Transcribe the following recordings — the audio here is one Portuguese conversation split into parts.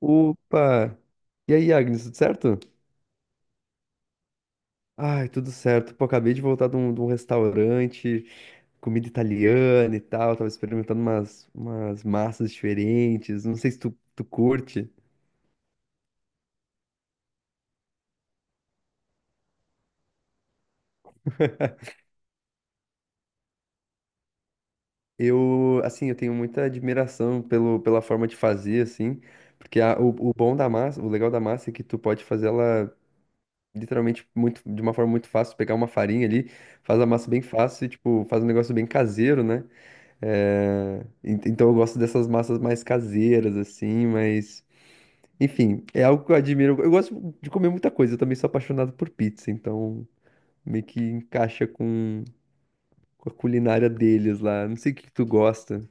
Opa! E aí, Agnes, tudo certo? Ai, tudo certo. Pô, acabei de voltar de um restaurante, comida italiana e tal. Tava experimentando umas massas diferentes. Não sei se tu curte. Eu, assim, eu tenho muita admiração pela forma de fazer, assim, porque o bom da massa, o legal da massa é que tu pode fazer ela literalmente de uma forma muito fácil, pegar uma farinha ali, faz a massa bem fácil e, tipo, faz um negócio bem caseiro, né? Então eu gosto dessas massas mais caseiras, assim, mas. Enfim, é algo que eu admiro. Eu gosto de comer muita coisa, eu também sou apaixonado por pizza, então meio que encaixa com a culinária deles lá. Não sei o que que tu gosta.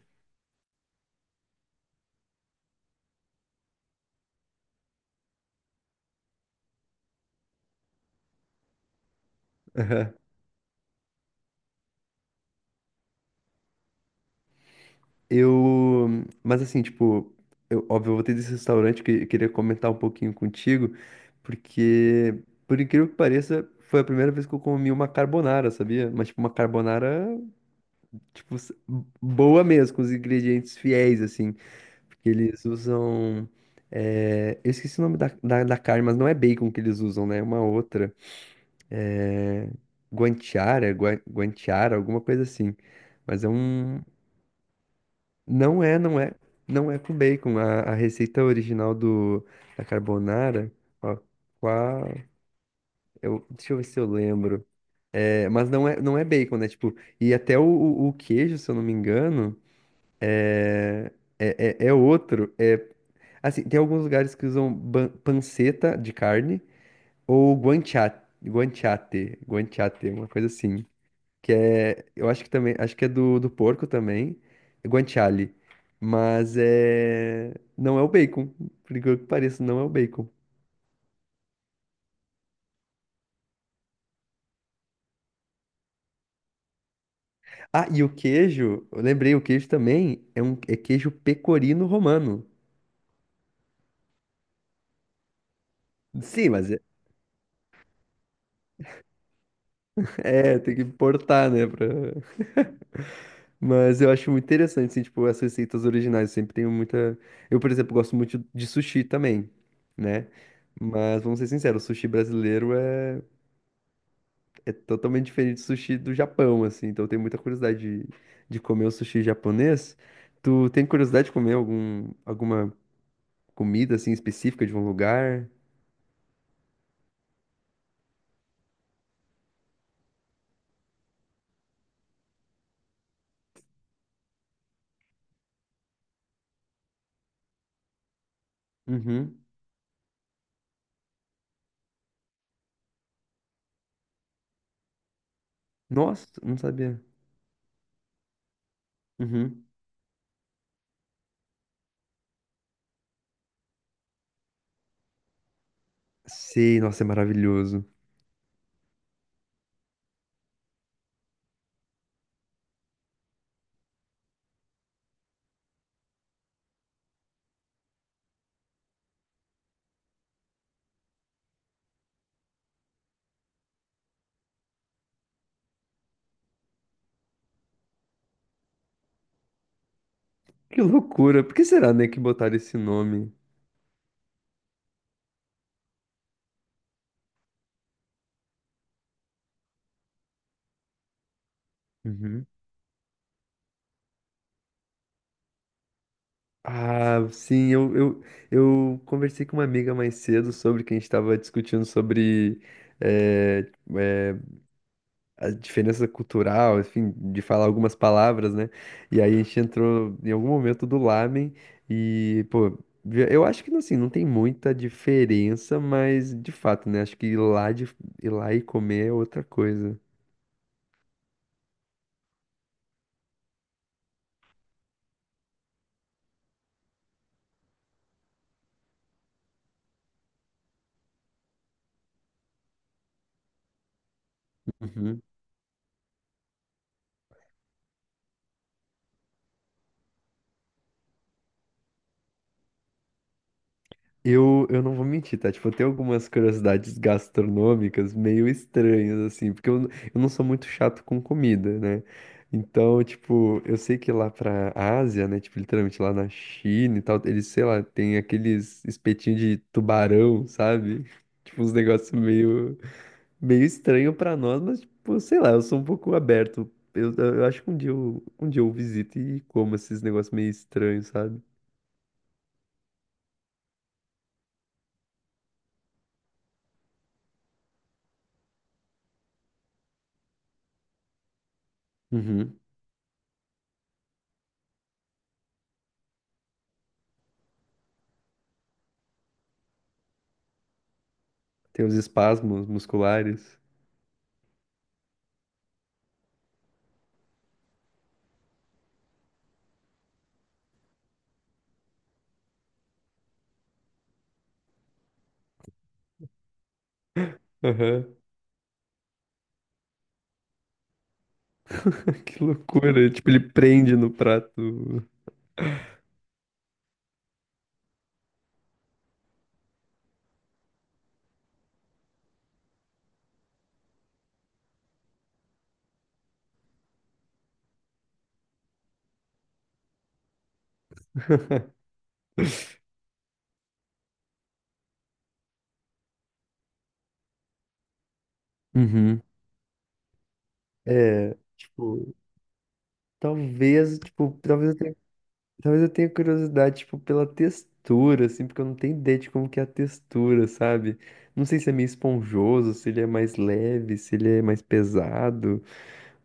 Eu. Mas assim, tipo, eu, óbvio, eu vou ter desse restaurante que eu queria comentar um pouquinho contigo, porque, por incrível que pareça, foi a primeira vez que eu comi uma carbonara, sabia? Mas, tipo, uma carbonara Tipo, s- boa mesmo, com os ingredientes fiéis, assim. Porque eles usam. Eu esqueci o nome da carne, mas não é bacon que eles usam, né? É uma outra. É, guanciara, alguma coisa assim. Mas é um. Não é. Não é com bacon. A receita original da carbonara. Ó, qual. Eu, deixa eu ver se eu lembro. É, mas não é bacon, né? Tipo, e até o queijo, se eu não me engano. É outro. É, assim, tem alguns lugares que usam ban- panceta de carne ou guanciate, uma coisa assim. Que é, eu acho que também, acho que é do porco também, é guanciale. Mas é, não é o bacon, por incrível que pareça, não é o bacon. Ah, e o queijo, eu lembrei, o queijo também é é queijo pecorino romano. Sim, mas é, é, tem que importar, né, pra... Mas eu acho muito interessante, assim, tipo, as receitas originais. Eu sempre tenho muita. Eu, por exemplo, gosto muito de sushi também, né? Mas vamos ser sinceros, o sushi brasileiro é, é totalmente diferente do sushi do Japão, assim. Então eu tenho muita curiosidade de comer o sushi japonês. Tu tem curiosidade de comer alguma comida, assim, específica de um lugar? Uhum. Nossa, não sabia. Uhum. Sei, nossa, é maravilhoso. Que loucura. Por que será, né, que botaram esse nome? Uhum. Ah, sim, eu conversei com uma amiga mais cedo sobre que a gente estava discutindo sobre eh, eh, a diferença cultural, enfim, de falar algumas palavras, né? E aí a gente entrou em algum momento do lamen e, pô, vi- eu acho que assim, não tem muita diferença, mas de fato, né? Acho que ir lá, de, ir lá e comer é outra coisa. Eu não vou mentir, tá? Tipo, eu tenho algumas curiosidades gastronômicas meio estranhas, assim, porque eu não sou muito chato com comida, né? Então, tipo, eu sei que lá pra Ásia, né? Tipo, literalmente lá na China e tal, eles, sei lá, tem aqueles espetinhos de tubarão, sabe? Tipo, uns negócios meio estranho pra nós, mas, tipo, sei lá, eu sou um pouco aberto. Eu acho que um dia eu visito e como esses negócios meio estranhos, sabe? Uhum. Tem os espasmos musculares. Aham. Que loucura. Tipo, ele prende no prato. Uhum. É, tipo, talvez, tipo, talvez eu tenha, talvez eu tenha curiosidade, tipo, pela textura, assim, porque eu não tenho ideia de como que é a textura, sabe? Não sei se é meio esponjoso, se ele é mais leve, se ele é mais pesado,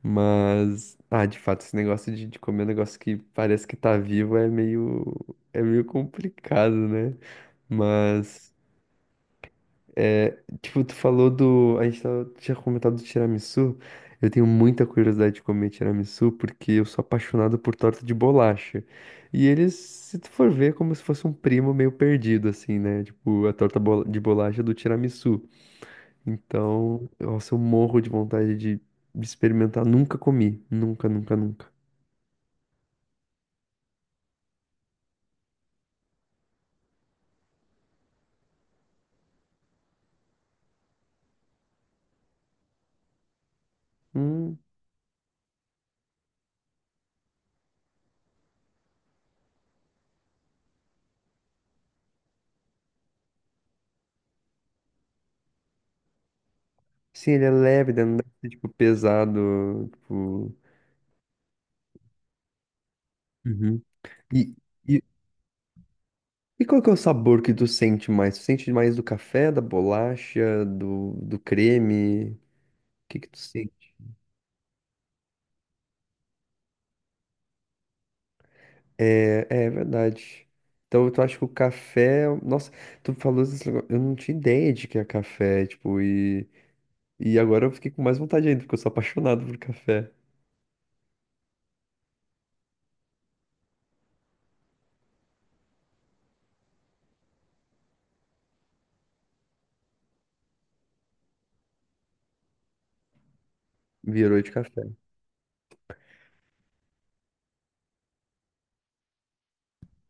mas, ah, de fato, esse negócio de comer um negócio que parece que tá vivo é é meio complicado, né? Mas Tipo, tu falou do. A gente tava- tinha comentado do tiramisu. Eu tenho muita curiosidade de comer tiramisu porque eu sou apaixonado por torta de bolacha. E eles, se tu for ver, é como se fosse um primo meio perdido, assim, né? Tipo, a torta bol- de bolacha do tiramisu. Então, nossa, eu morro de vontade de experimentar. Nunca comi. Nunca. Hum. Sim, ele é leve, né? Não deve ser, tipo, pesado. Tipo. Uhum. E, e E qual que é o sabor que tu sente mais? Tu sente mais do café, da bolacha, do creme? O que que tu sente? É, é verdade. Então tu acha que o café. Nossa, tu falou esse negócio. Eu não tinha ideia de que é café, tipo, e agora eu fiquei com mais vontade ainda, porque eu sou apaixonado por café. Virou de café.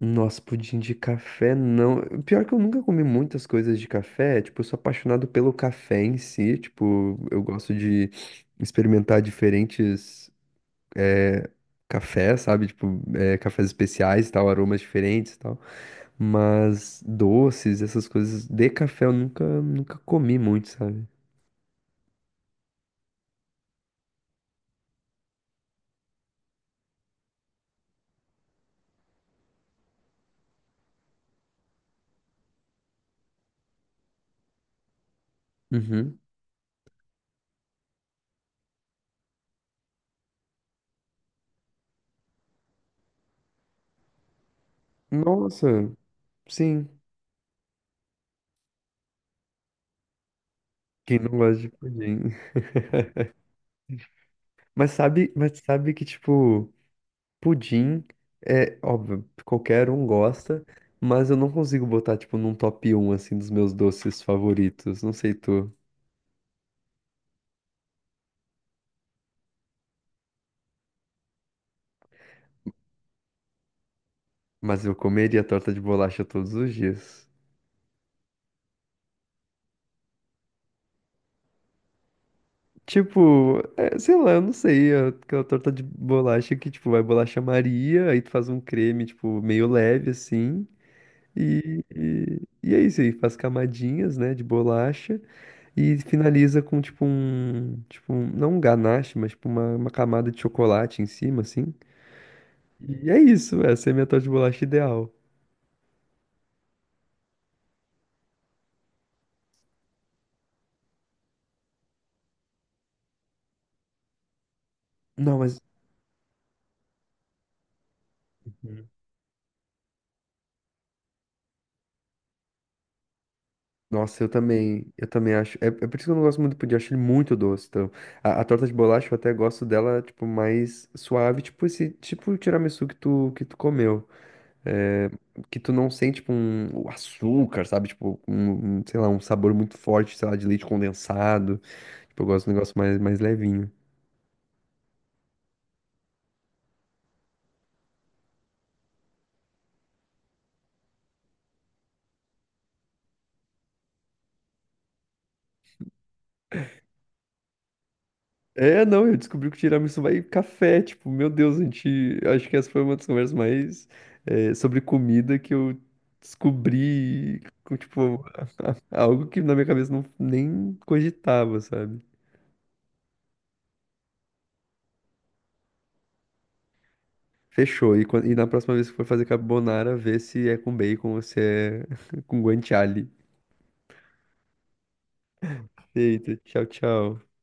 Nossa, pudim de café não. Pior que eu nunca comi muitas coisas de café. Tipo, eu sou apaixonado pelo café em si. Tipo, eu gosto de experimentar diferentes. é, café, sabe? Tipo, é, cafés especiais e tal, aromas diferentes e tal. Mas doces, essas coisas de café eu nunca comi muito, sabe? Uhum. Nossa, sim. Quem não gosta de pudim? Mas sabe que, tipo, pudim é óbvio, qualquer um gosta, mas eu não consigo botar, tipo, num top um assim, dos meus doces favoritos. Não sei tu, mas eu comeria torta de bolacha todos os dias. Tipo, é, sei lá, eu não sei, é aquela torta de bolacha que, tipo, vai bolacha Maria, aí tu faz um creme, tipo, meio leve, assim, e é isso aí, faz camadinhas, né, de bolacha, e finaliza com, tipo, um- não um ganache, mas, tipo, uma camada de chocolate em cima, assim, e é isso, essa é a minha torta de bolacha ideal. Não, mas... Nossa, eu também acho. É por isso que eu não gosto muito do pudim, eu acho ele muito doce. Então, a torta de bolacha eu até gosto dela, tipo, mais suave, tipo esse, tipo o tiramisu que tu comeu. É, que tu não sente, tipo, um, o açúcar, sabe? Tipo, sei lá, um sabor muito forte, sei lá, de leite condensado. Tipo, eu gosto de um negócio mais, mais levinho. É, não, eu descobri que o tiramisu vai em café, tipo, meu Deus, a gente, acho que essa foi uma das conversas mais, é, sobre comida que eu descobri, com, tipo, algo que na minha cabeça não nem cogitava, sabe? Fechou. E, quan- e na próxima vez que for fazer carbonara, vê se é com bacon ou se é com guanciale. Eita, tchau, tchau.